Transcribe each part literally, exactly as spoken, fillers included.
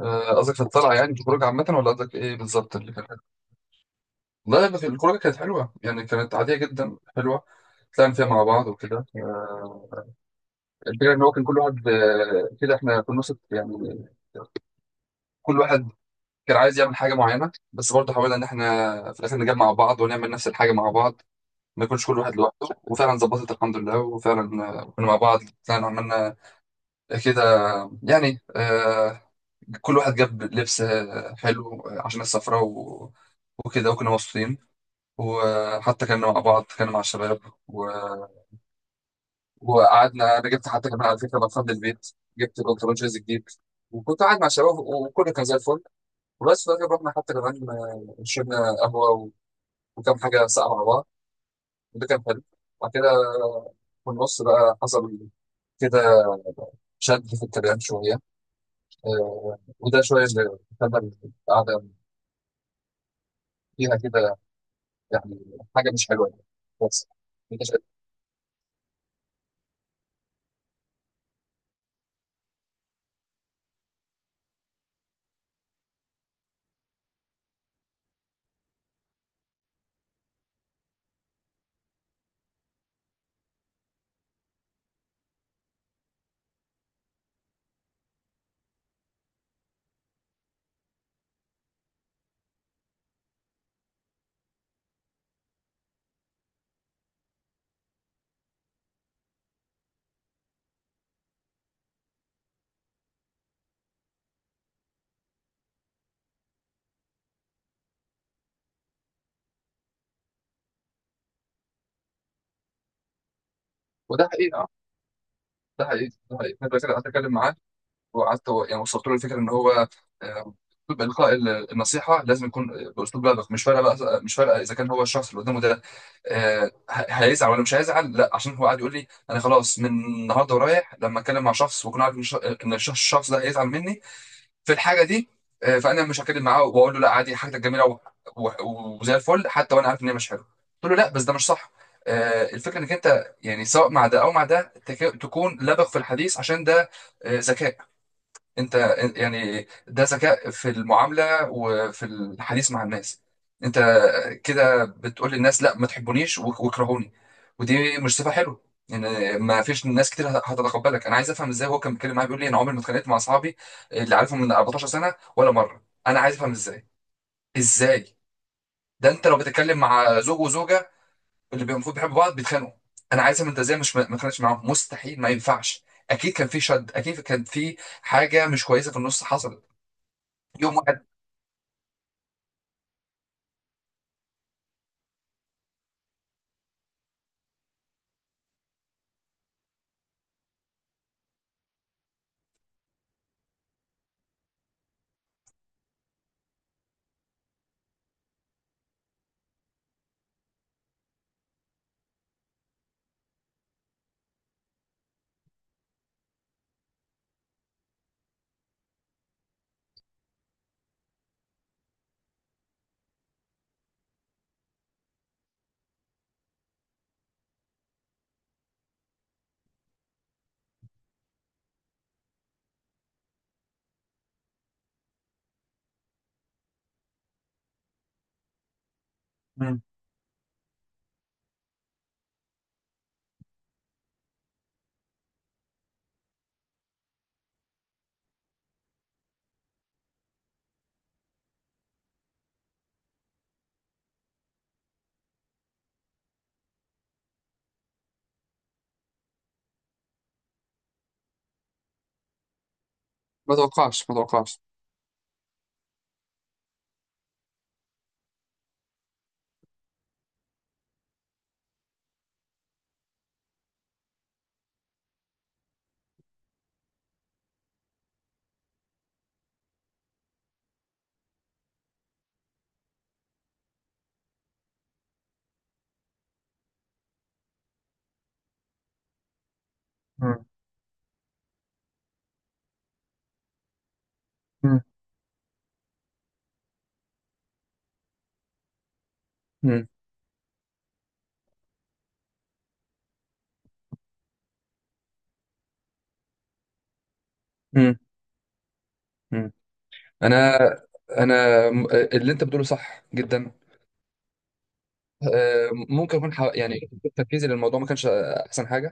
آه، قصدك في الطلعة يعني في الخروج عامة ولا قصدك إيه بالظبط اللي كان حلو؟ لا لا في الخروجة كانت حلوة، يعني كانت عادية جدا حلوة. طلعنا فيها مع بعض وكده. آه، الفكرة إن هو كان كل واحد، آه، كده إحنا في النص يعني كل واحد كان عايز يعمل حاجة معينة، بس برضه حاولنا إن إحنا في الآخر نجمع بعض ونعمل نفس الحاجة مع بعض، ما يكونش كل واحد لوحده. وفعلا ظبطت الحمد لله، وفعلا آه، كنا مع بعض، طلعنا عملنا كده يعني. آه، كل واحد جاب لبس آه، حلو آه، عشان السفرة و- وكده، وكنا مبسوطين، وحتى كنا مع بعض كنا مع الشباب و... وقعدنا. انا جبت حتى كمان على فكره بطلت البيت، جبت الانترنشيز جديد، وكنت قاعد مع الشباب وكل كان زي الفل. وبس في الاخر رحنا حتى كمان، آه، شربنا قهوه و... وكم حاجه ساقعه مع بعض، وده كان حلو. وبعد كده في النص بقى حصل كده شد في الكلام شويه. آه، وده شويه اللي خلى القعده فيها كده يعني حاجه مش حلوه يعني. بس انت شايف. وده حقيقه، ده حقيقي، ده حقيقي. انا بتكلم معاه وقعدت و- يعني وصلت له الفكره ان هو آه، أسلوب إلقاء ال- النصيحة لازم يكون آه، بأسلوب لبق. مش فارقة بقى، مش فارقة إذا كان هو الشخص اللي قدامه ده آه، ه- هيزعل ولا مش هيزعل، لا. عشان هو قاعد يقول لي أنا خلاص من النهاردة ورايح، لما أتكلم مع شخص وأكون عارف إن الش- إن الشخص، الشخص ده هيزعل مني في الحاجة دي، آه، فأنا مش هتكلم معاه، وأقول له لا عادي حاجتك جميلة و- و- وزي الفل، حتى وأنا عارف إن هي مش حلوة. قلت له لا، بس ده مش صح. آه، الفكرة إنك أنت يعني سواء مع ده أو مع ده تك- تكون لبق في الحديث، عشان ده آه، ذكاء. انت يعني ده ذكاء في المعاملة وفي الحديث مع الناس. انت كده بتقول للناس لا ما تحبونيش وك- واكرهوني، ودي مش صفة حلوة. ان ما فيش ناس كتير هت- هتتقبلك. انا عايز افهم ازاي هو كان بيتكلم معايا بيقول لي انا عمري ما اتخانقت مع اصحابي اللي عارفهم من اربعتاشر سنة ولا مرة. انا عايز افهم ازاي، ازاي؟ ده انت لو بتتكلم مع زوج وزوجة اللي بي- المفروض بيحبوا بعض بيتخانقوا. انا عايز افهم انت ازاي مش ما ما اتخانقتش معاهم؟ مستحيل، ما ينفعش. اكيد كان في شد، اكيد كان في حاجة مش كويسة في النص حصلت يوم واحد. مم. ما توقعش، ما توقعش. مم. مم. مم. مم. مم. انا انا م- اللي انت بتقوله صح جدا. آه، ممكن اكون حا- يعني تركيزي للموضوع ما كانش آه، احسن حاجه.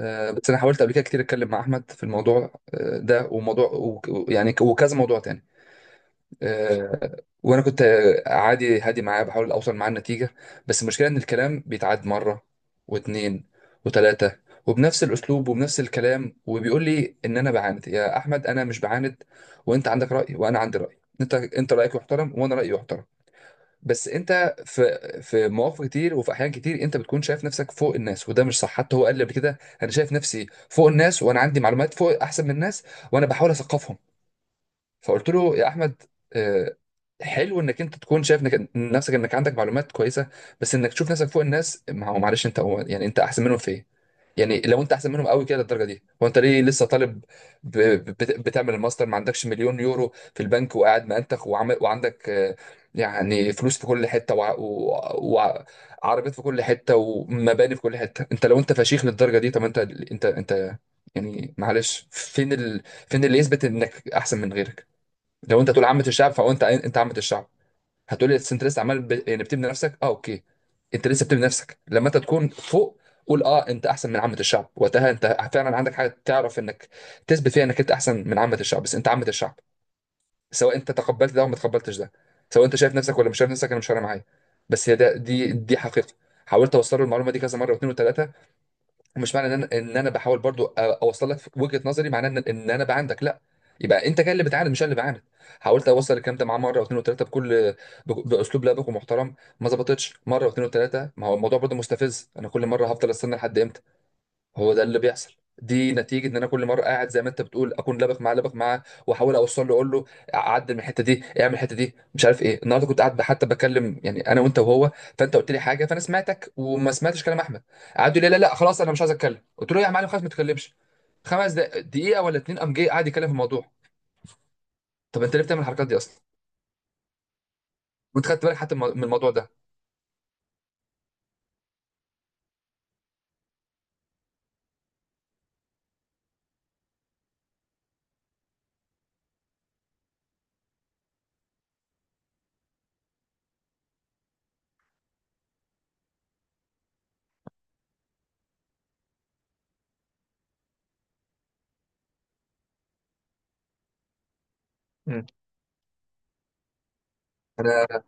آه، بس انا حاولت قبل كده كتير اتكلم مع احمد في الموضوع آه، ده، وموضوع و- و- يعني ك- وكذا موضوع تاني. آه، وانا كنت عادي هادي معاه، بحاول اوصل معاه النتيجه. بس المشكله ان الكلام بيتعاد مره واتنين وتلاته، وبنفس الاسلوب وبنفس الكلام، وبيقول لي ان انا بعاند. يا احمد انا مش بعاند، وانت عندك راي وانا عندي راي. انت انت رايك يحترم وانا رايي يحترم، بس انت في في مواقف كتير وفي احيان كتير انت بتكون شايف نفسك فوق الناس، وده مش صح. حتى هو قال لي قبل كده انا شايف نفسي فوق الناس، وانا عندي معلومات فوق احسن من الناس، وانا بحاول اثقفهم. فقلت له يا احمد، آه، حلو انك انت تكون شايف انك نفسك انك عندك معلومات كويسه، بس انك تشوف نفسك فوق الناس، ما هو معلش انت هو يعني انت احسن منهم في ايه؟ يعني لو انت احسن منهم قوي كده للدرجه دي، هو انت ليه لسه طالب؟ ب- بت- بتعمل الماستر، ما عندكش مليون يورو في البنك وقاعد مأنتخ وعمل وعندك آه، يعني فلوس في كل حته وع- وع- وعربيات في كل حته ومباني في كل حته. انت لو انت فشيخ للدرجه دي، طب انت انت انت يعني معلش فين ال... فين اللي يثبت انك احسن من غيرك؟ لو انت تقول عامه الشعب، فهو انت انت عامه الشعب. هتقول لي انت لسه عمال ب... يعني بتبني نفسك، اه اوكي، انت لسه بتبني نفسك. لما انت تكون فوق قول اه انت احسن من عامه الشعب، وقتها انت فعلا عندك حاجه تعرف انك تثبت فيها انك انت احسن من عامه الشعب. بس انت عامه الشعب، سواء انت تقبلت ده او ما تقبلتش ده، سواء انت شايف نفسك ولا مش شايف نفسك، انا مش فارق معايا، بس هي ده دي دي حقيقه. حاولت اوصل له المعلومه دي كذا مره واثنين وثلاثه. ومش معنى ان انا ان انا بحاول برضو أ- اوصل لك وجهه نظري، معناه ان ان انا بعاندك. لا، يبقى انت كان اللي بتعاند مش انا اللي بعاند. حاولت اوصل الكلام ده معاه مره واثنين وثلاثه بكل بك- باسلوب لبق ومحترم، ما ظبطتش مره واثنين وثلاثه. ما هو الموضوع برضو مستفز، انا كل مره هفضل استنى لحد امتى؟ هو ده اللي بيحصل. دي نتيجة ان انا كل مرة قاعد زي ما انت بتقول اكون لبخ معاه، لبخ معاه، واحاول اوصل له، اقول له عدل من الحتة دي، اعمل الحتة دي، مش عارف ايه. النهارده كنت قاعد حتى بكلم يعني انا وانت وهو، فانت قلت لي حاجة فانا سمعتك وما سمعتش كلام احمد. قعد يقول لي لا لا خلاص انا مش عايز اتكلم، قلت له يا معلم خلاص ما تتكلمش. خمس دق- دقيقة ولا اتنين قام جاي قاعد يتكلم في الموضوع. طب انت ليه بتعمل الحركات دي اصلا؟ وانت خدت بالك حتى من الموضوع ده؟ مم. انا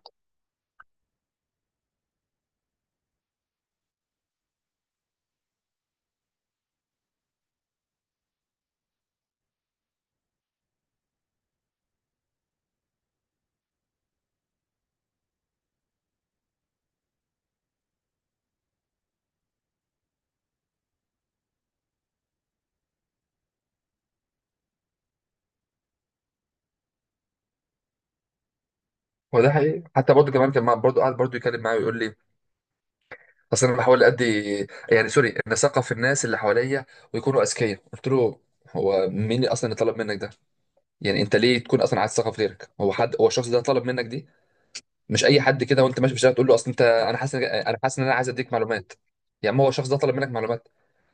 هو ده حقيقي. حتى برضه كمان كان مع- برضه قاعد برضه يتكلم معايا ويقول لي اصل انا بحاول ادي يعني سوري ان اثقف الناس اللي حواليا ويكونوا اذكياء. قلت له هو مين اللي اصلا اللي طلب منك ده؟ يعني انت ليه تكون اصلا عايز تثقف غيرك؟ هو حد، هو الشخص ده طلب منك دي؟ مش اي حد كده وانت ماشي في الشارع تقول له اصل انت انا حاسس إن- انا حاسس ان انا عايز اديك معلومات. يا عم هو الشخص ده طلب منك معلومات؟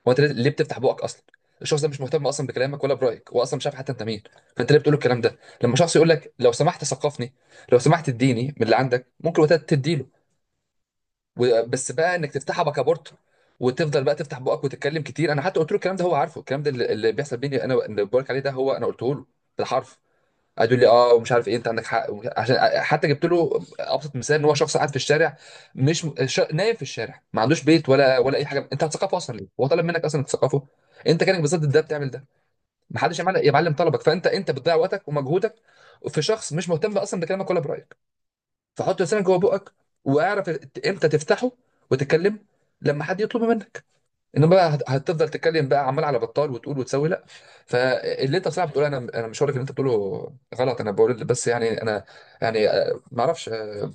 هو انت ليه ليه بتفتح بقك اصلا؟ الشخص ده مش مهتم اصلا بكلامك ولا برايك، هو اصلا مش عارف حتى انت مين. فانت ليه بتقول له الكلام ده؟ لما شخص يقول لك لو سمحت ثقفني، لو سمحت اديني من اللي عندك، ممكن وقتها تديله. و- بس بقى انك تفتحها بكابورت وتفضل بقى تفتح بقك وتتكلم كتير. انا حتى قلت له الكلام ده، هو عارفه الكلام ده اللي اللي بيحصل بيني، انا اللي بقولك عليه ده هو انا قلته له بالحرف. قعد يقول لي اه ومش عارف ايه انت عندك حق، ومش- عشان حتى جبت له ابسط مثال ان هو شخص قاعد في الشارع مش ش... نايم في الشارع ما عندوش بيت ولا ولا اي حاجه. انت هتثقفه اصلا ليه؟ هو طلب منك اصلا تثقفه؟ انت كانك بالظبط ده بتعمل ده، ما حدش يا معلم، يا معلم طلبك، فانت انت بتضيع وقتك ومجهودك في شخص مش مهتم اصلا بكلامك ولا برايك. فحط لسانك جوه بقك، واعرف ت- امتى تفتحه وتتكلم، لما حد يطلب منك. انما بقى هت- هتفضل تتكلم بقى عمال على بطال وتقول وتسوي، لا. فاللي انت بصراحه بتقوله، انا انا مش هقول لك اللي انت بتقوله غلط، انا بقول بس يعني انا، يعني آه، ما اعرفش، آه،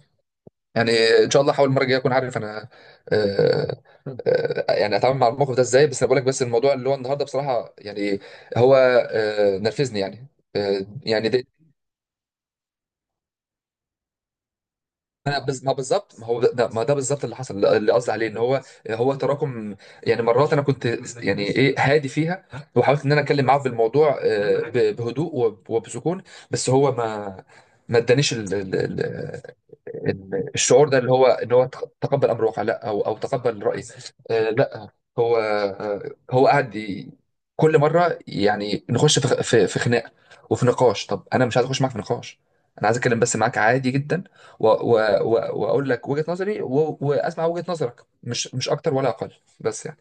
يعني ان شاء الله احاول المره الجايه اكون عارف انا آه، آه، يعني اتعامل مع الموقف ده ازاي. بس انا بقول لك بس الموضوع اللي هو النهارده بصراحه يعني هو آه، نرفزني يعني آه، يعني أنا بز... ما بالظبط، ما هو ده ما ده بالظبط اللي حصل، اللي قصدي عليه ان هو هو تراكم. يعني مرات انا كنت يعني ايه هادي فيها، وحاولت ان انا اتكلم معاه في الموضوع آه، ب- بهدوء وب- وبسكون، بس هو ما ما ادانيش ال- الشعور ده اللي هو ان هو تق- تقبل امر واقع. لا، او او تقبل راي آه، لا. هو آه، هو قاعد ي- كل مره يعني نخش في خ- في في خناق وفي نقاش. طب انا مش عايز اخش معاك في نقاش، انا عايز اتكلم بس معاك عادي جدا و- و- و- واقول لك وجهه نظري و- واسمع وجهه نظرك، مش مش اكتر ولا اقل، بس يعني.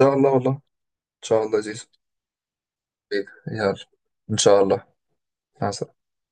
ان شاء الله، والله ان شاء الله يا زيزو. يلا ان شاء الله. مع السلامه.